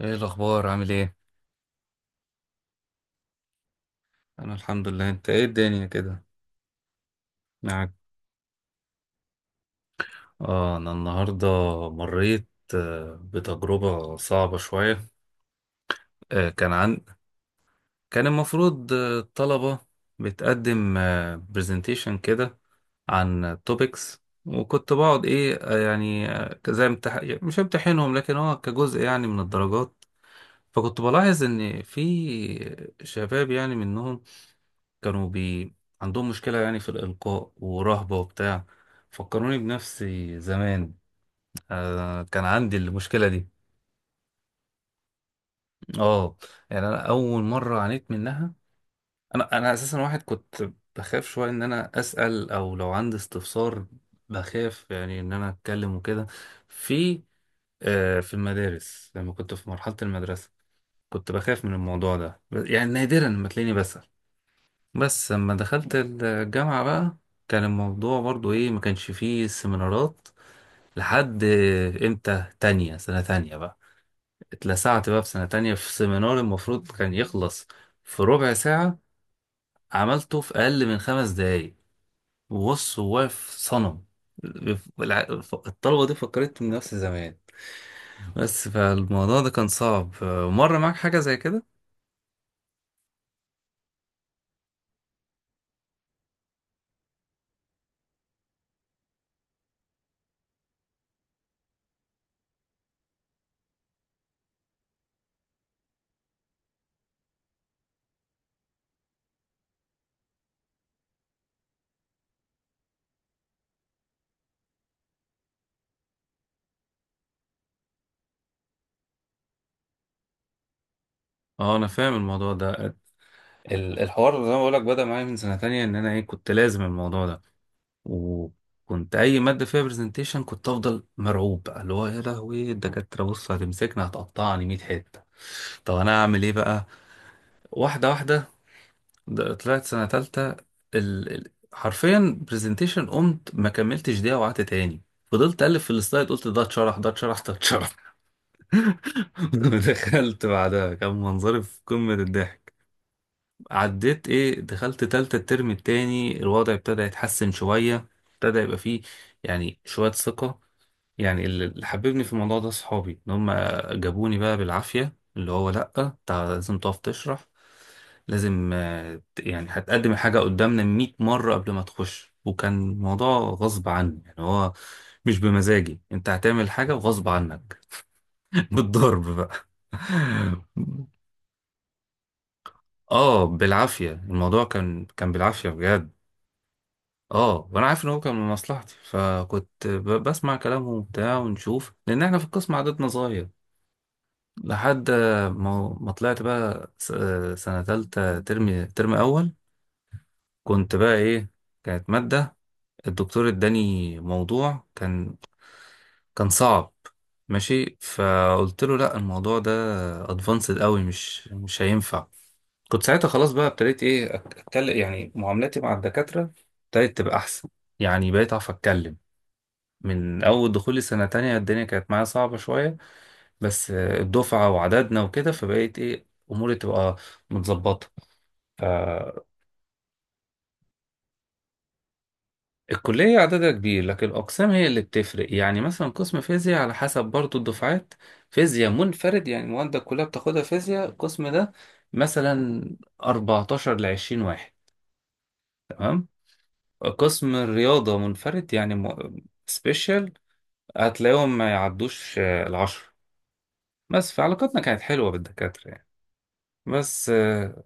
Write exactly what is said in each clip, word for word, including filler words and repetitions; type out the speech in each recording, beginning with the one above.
ايه الاخبار؟ عامل ايه؟ انا الحمد لله. انت ايه الدنيا كده معاك؟ اه، انا النهارده مريت آه، بتجربه صعبه شويه. آه، كان عن كان المفروض آه، الطلبه بتقدم برزنتيشن كده عن توبكس، وكنت بقعد ايه آه، يعني آه، زي امتح... مش امتحنهم، لكن هو كجزء يعني من الدرجات. فكنت بلاحظ ان في شباب يعني منهم كانوا بي عندهم مشكلة يعني في الإلقاء ورهبة وبتاع. فكروني بنفسي زمان. آه، كان عندي المشكلة دي. اه، يعني أنا أول مرة عانيت منها. أنا أنا أساسا واحد كنت بخاف شوية إن أنا أسأل أو لو عندي استفسار، بخاف يعني إن أنا أتكلم وكده. في آه في المدارس لما كنت في مرحلة المدرسة كنت بخاف من الموضوع ده، يعني نادرا لما تلاقيني بسأل. بس لما دخلت الجامعة بقى كان الموضوع برضو ايه، ما كانش فيه سيمينارات لحد امتى، تانية، سنة تانية بقى اتلسعت بقى في سنة تانية في سيمينار المفروض كان يخلص في ربع ساعة، عملته في أقل من خمس دقايق وبص هو واقف صنم. الع- الطلبة دي فكرتهم نفس زمان، بس فالموضوع ده كان صعب. مر معاك حاجة زي كده؟ اه، انا فاهم الموضوع ده. ال- الحوار زي ما بقولك بدأ معايا من سنة تانية، ان انا ايه كنت لازم الموضوع ده. وكنت اي ماده فيها برزنتيشن كنت افضل مرعوب بقى، اللي هو يا لهوي الدكاتره بص هتمسكنا، هتقطعني مية حته. طب انا اعمل ايه بقى؟ واحده واحده. د- طلعت سنه تالتة، ال... ال- حرفيا برزنتيشن قمت ما كملتش دقيقه وقعدت تاني. فضلت الف في السلايد، قلت ده اتشرح، ده اتشرح، ده اتشرح. دخلت بعدها كان منظري في قمه الضحك. عديت ايه، دخلت تالتة الترم التاني، الوضع ابتدى يتحسن شويه، ابتدى يبقى فيه يعني شوية ثقة. يعني اللي اللي حببني في الموضوع ده صحابي، ان هم جابوني بقى بالعافية، اللي هو لأ تع- لازم تقف تشرح، لازم آه، ت- يعني هتقدم الحاجة قدامنا مية مرة قبل ما تخش. وكان موضوع غصب عني، يعني هو مش بمزاجي، انت هتعمل حاجة وغصب عنك. بالضرب بقى. اه بالعافية، الموضوع كان كان بالعافية بجد. اه وانا عارف ان هو كان من مصلحتي، فكنت ب- بسمع كلامهم وبتاع ونشوف، لان احنا في القسم عددنا صغير لحد ما ما طلعت بقى س- سنة تالتة، ترم ترم أول. كنت بقى إيه، كانت مادة الدكتور اداني موضوع كان كان صعب. ماشي، فقلت له لا الموضوع ده ادفانسد قوي، مش مش هينفع. كنت ساعتها خلاص بقى ابتديت ايه أك- اتكلم، يعني معاملاتي مع الدكاترة ابتدت تبقى احسن، يعني بقيت اعرف اتكلم. من اول دخولي سنة تانية الدنيا كانت معايا صعبة شوية، بس آه، الدفعة وعددنا وكده فبقيت ايه اموري تبقى متظبطة. فالكلية عددها كبير، لكن الأقسام هي اللي بتفرق، يعني مثلا قسم فيزياء على حسب برضو الدفعات، فيزياء منفرد يعني المواد كلها بتاخدها فيزياء القسم ده. مثلا أربعة عشر ل عشرين واحد، تمام. قسم الرياضة منفرد يعني م- سبيشال، هتلاقيهم ما يعدوش آه، العشرة. بس فعلاقتنا كانت حلوة بالدكاترة يعني. بس آه،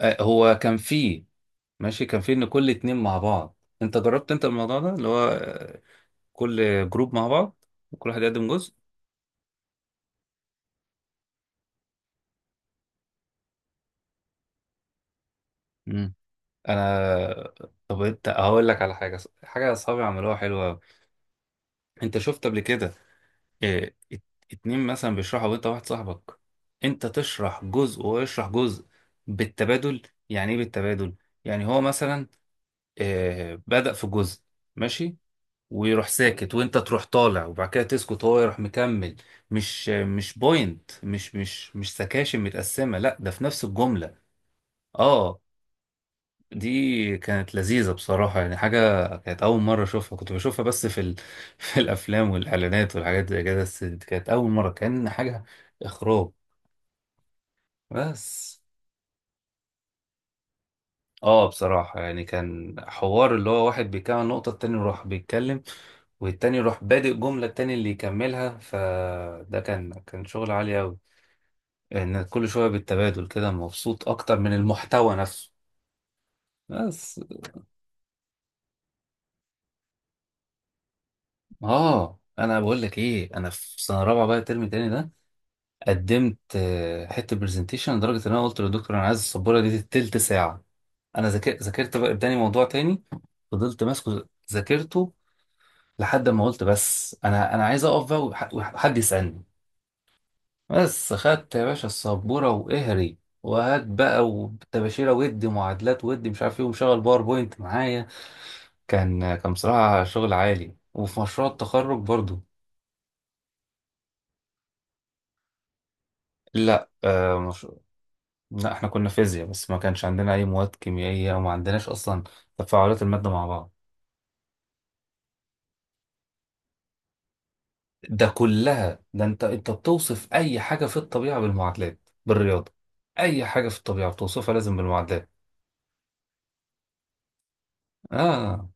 آه، هو كان فيه ماشي، كان في ان كل اتنين مع بعض. انت جربت انت الموضوع ده اللي هو آه، كل جروب مع بعض وكل واحد يقدم جزء؟ مم. انا. طب انت هقول لك على حاجه، حاجه اصحابي عملوها حلوه أوي. انت شفت قبل كده إيه ات- اتنين مثلا بيشرحوا، وانت واحد صاحبك، انت تشرح جزء وهو يشرح جزء بالتبادل. يعني ايه بالتبادل؟ يعني هو مثلا إيه بدأ في جزء ماشي، ويروح ساكت وانت تروح طالع، وبعد كده تسكت وهو يروح مكمل. مش مش بوينت، مش مش مش سكاشن متقسمة، لا ده في نفس الجملة. اه، دي كانت لذيذة بصراحة. يعني حاجة كانت أول مرة أشوفها، كنت بشوفها بس في ال... في الأفلام والإعلانات والحاجات زي كده، بس دي كانت أول مرة. كان حاجة إخراج بس. اه بصراحة يعني كان حوار اللي هو واحد بيكمل نقطة التاني يروح بيتكلم، والتاني يروح بادئ جملة التاني اللي يكملها، فده كان كان شغل عالي أوي. إن كل شوية بالتبادل كده، مبسوط أكتر من المحتوى نفسه بس. اه أنا بقول لك إيه، أنا في سنة رابعة بقى الترم التاني ده قدمت آه، حتة برزنتيشن، لدرجة إن أنا قلت للدكتور أنا عايز السبورة دي تلت ساعة. أنا ذاكرت ذاكرت بقى تاني، موضوع تاني، فضلت ماسكه ذاكرته، لحد ما قلت بس انا انا عايز اقف بقى وح- وحد يسالني بس. خدت يا باشا السبوره واهري وهات بقى وتباشيره، ودي معادلات ودي مش عارف ايه، ومشغل باوربوينت معايا. كان كان بصراحه شغل عالي. وفي مشروع التخرج برضو. لا، آه مش... لا احنا كنا فيزياء بس، ما كانش عندنا اي مواد كيميائيه، وما عندناش اصلا تفاعلات الماده مع بعض. ده كلها ده، انت انت بتوصف اي حاجه في الطبيعه بالمعادلات، بالرياضه. اي حاجه في الطبيعه بتوصفها لازم بالمعادلات. اه،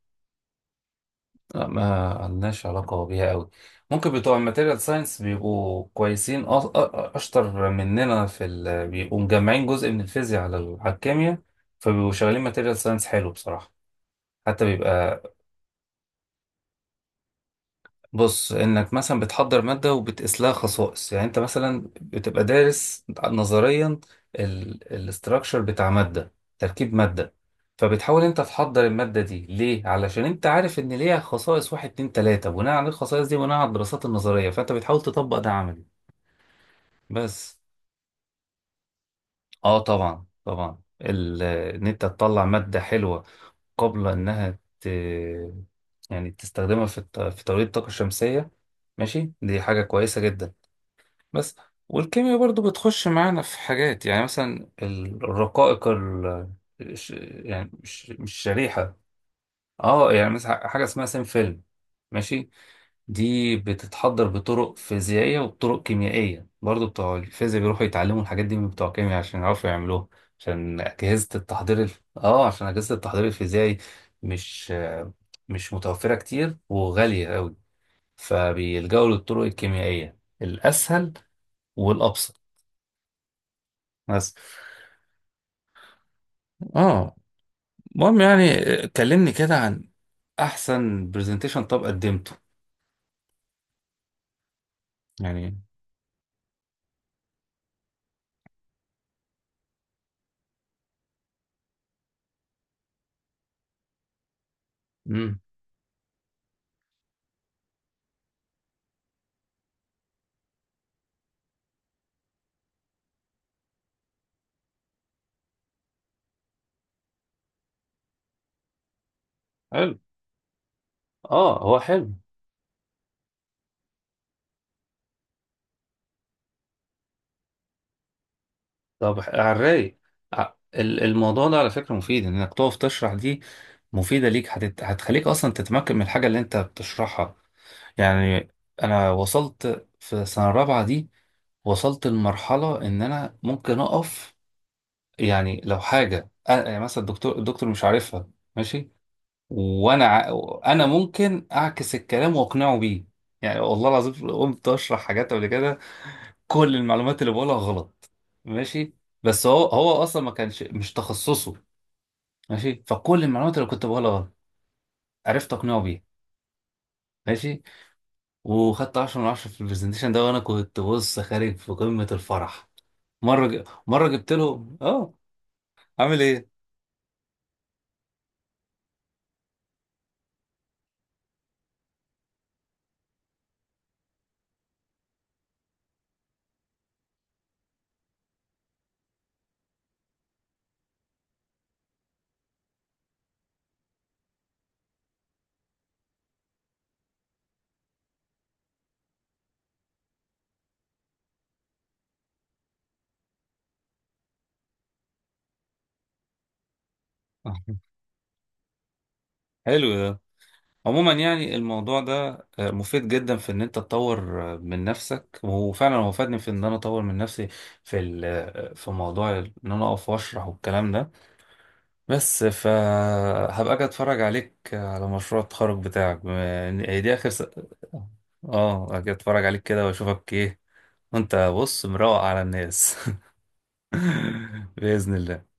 لا ما لناش علاقة بيها قوي. ممكن بتوع الماتيريال ساينس بيبقوا كويسين، أ- أ- أشطر مننا في ال... بيبقوا مجمعين جزء من الفيزياء على ال- على الكيمياء، فبيبقوا شغالين ماتيريال ساينس حلو بصراحة، حتى بيبقى. بص، انك مثلا بتحضر ماده وبتقيس لها خصائص. يعني انت مثلا بتبقى دارس نظريا الاستراكشر بتاع ماده، تركيب ماده، فبتحاول انت تحضر الماده دي ليه، علشان انت عارف ان ليها خصائص واحد اتنين تلاته، بناء على الخصائص دي، بناء على الدراسات النظريه، فانت بتحاول تطبق ده عملي بس. اه طبعا طبعا، ال- ان انت تطلع ماده حلوه قبل انها ت... يعني تستخدمها في الت- في توليد الطاقه الشمسيه، ماشي. دي حاجه كويسه جدا بس. والكيمياء برضو بتخش معانا في حاجات، يعني مثلا الرقائق ال... الش- يعني مش مش شريحة. اه، يعني مثلا حاجة اسمها سينفيلم، ماشي. دي بتتحضر بطرق فيزيائية وبطرق كيميائية برضو، بتوع الفيزياء بيروحوا يتعلموا الحاجات دي من بتوع الكيمياء عشان يعرفوا يعملوها، عشان أجهزة التحضير الف... اه عشان أجهزة التحضير الفيزيائي مش مش متوفرة كتير وغالية أوي، فبيلجأوا للطرق الكيميائية الأسهل والأبسط بس. اه، المهم يعني، آه، كلمني كده عن احسن برزنتيشن طب قدمته. يعني. امم حلو. اه هو حلو. طب ح- على الرايق. ع- ال- الموضوع ده على فكرة مفيد، انك تقف تشرح دي مفيدة ليك، هتت... هتخليك اصلا تتمكن من الحاجة اللي انت بتشرحها. يعني انا وصلت في سنة رابعة دي، وصلت لمرحلة ان انا ممكن اقف يعني، لو حاجة أ- يعني مثلا الدكتور الدكتور مش عارفها، ماشي، وانا ع... انا ممكن اعكس الكلام واقنعه بيه. يعني والله العظيم قمت اشرح حاجات قبل كده كل المعلومات اللي بقولها غلط، ماشي، بس هو هو اصلا ما كانش، مش تخصصه، ماشي. فكل المعلومات اللي كنت بقولها غلط، عرفت اقنعه بيها، ماشي، وخدت عشرة من عشرة في البرزنتيشن ده، وانا كنت بص خارج في قمة الفرح. مرة ج... مرة جبت له اه عامل ايه. حلو ده. عموما يعني الموضوع ده آه، مفيد جدا في ان انت تطور آه، من نفسك، وفعلا هو فادني في ان انا اطور من نفسي في ال- آه، في موضوع ان انا اقف واشرح والكلام ده بس. فهبقى اجي اتفرج عليك آه، على مشروع التخرج بتاعك، بما إن- هي دي اخر س... اه اجي اتفرج عليك كده واشوفك ايه، وانت بص مروق على الناس. بإذن الله.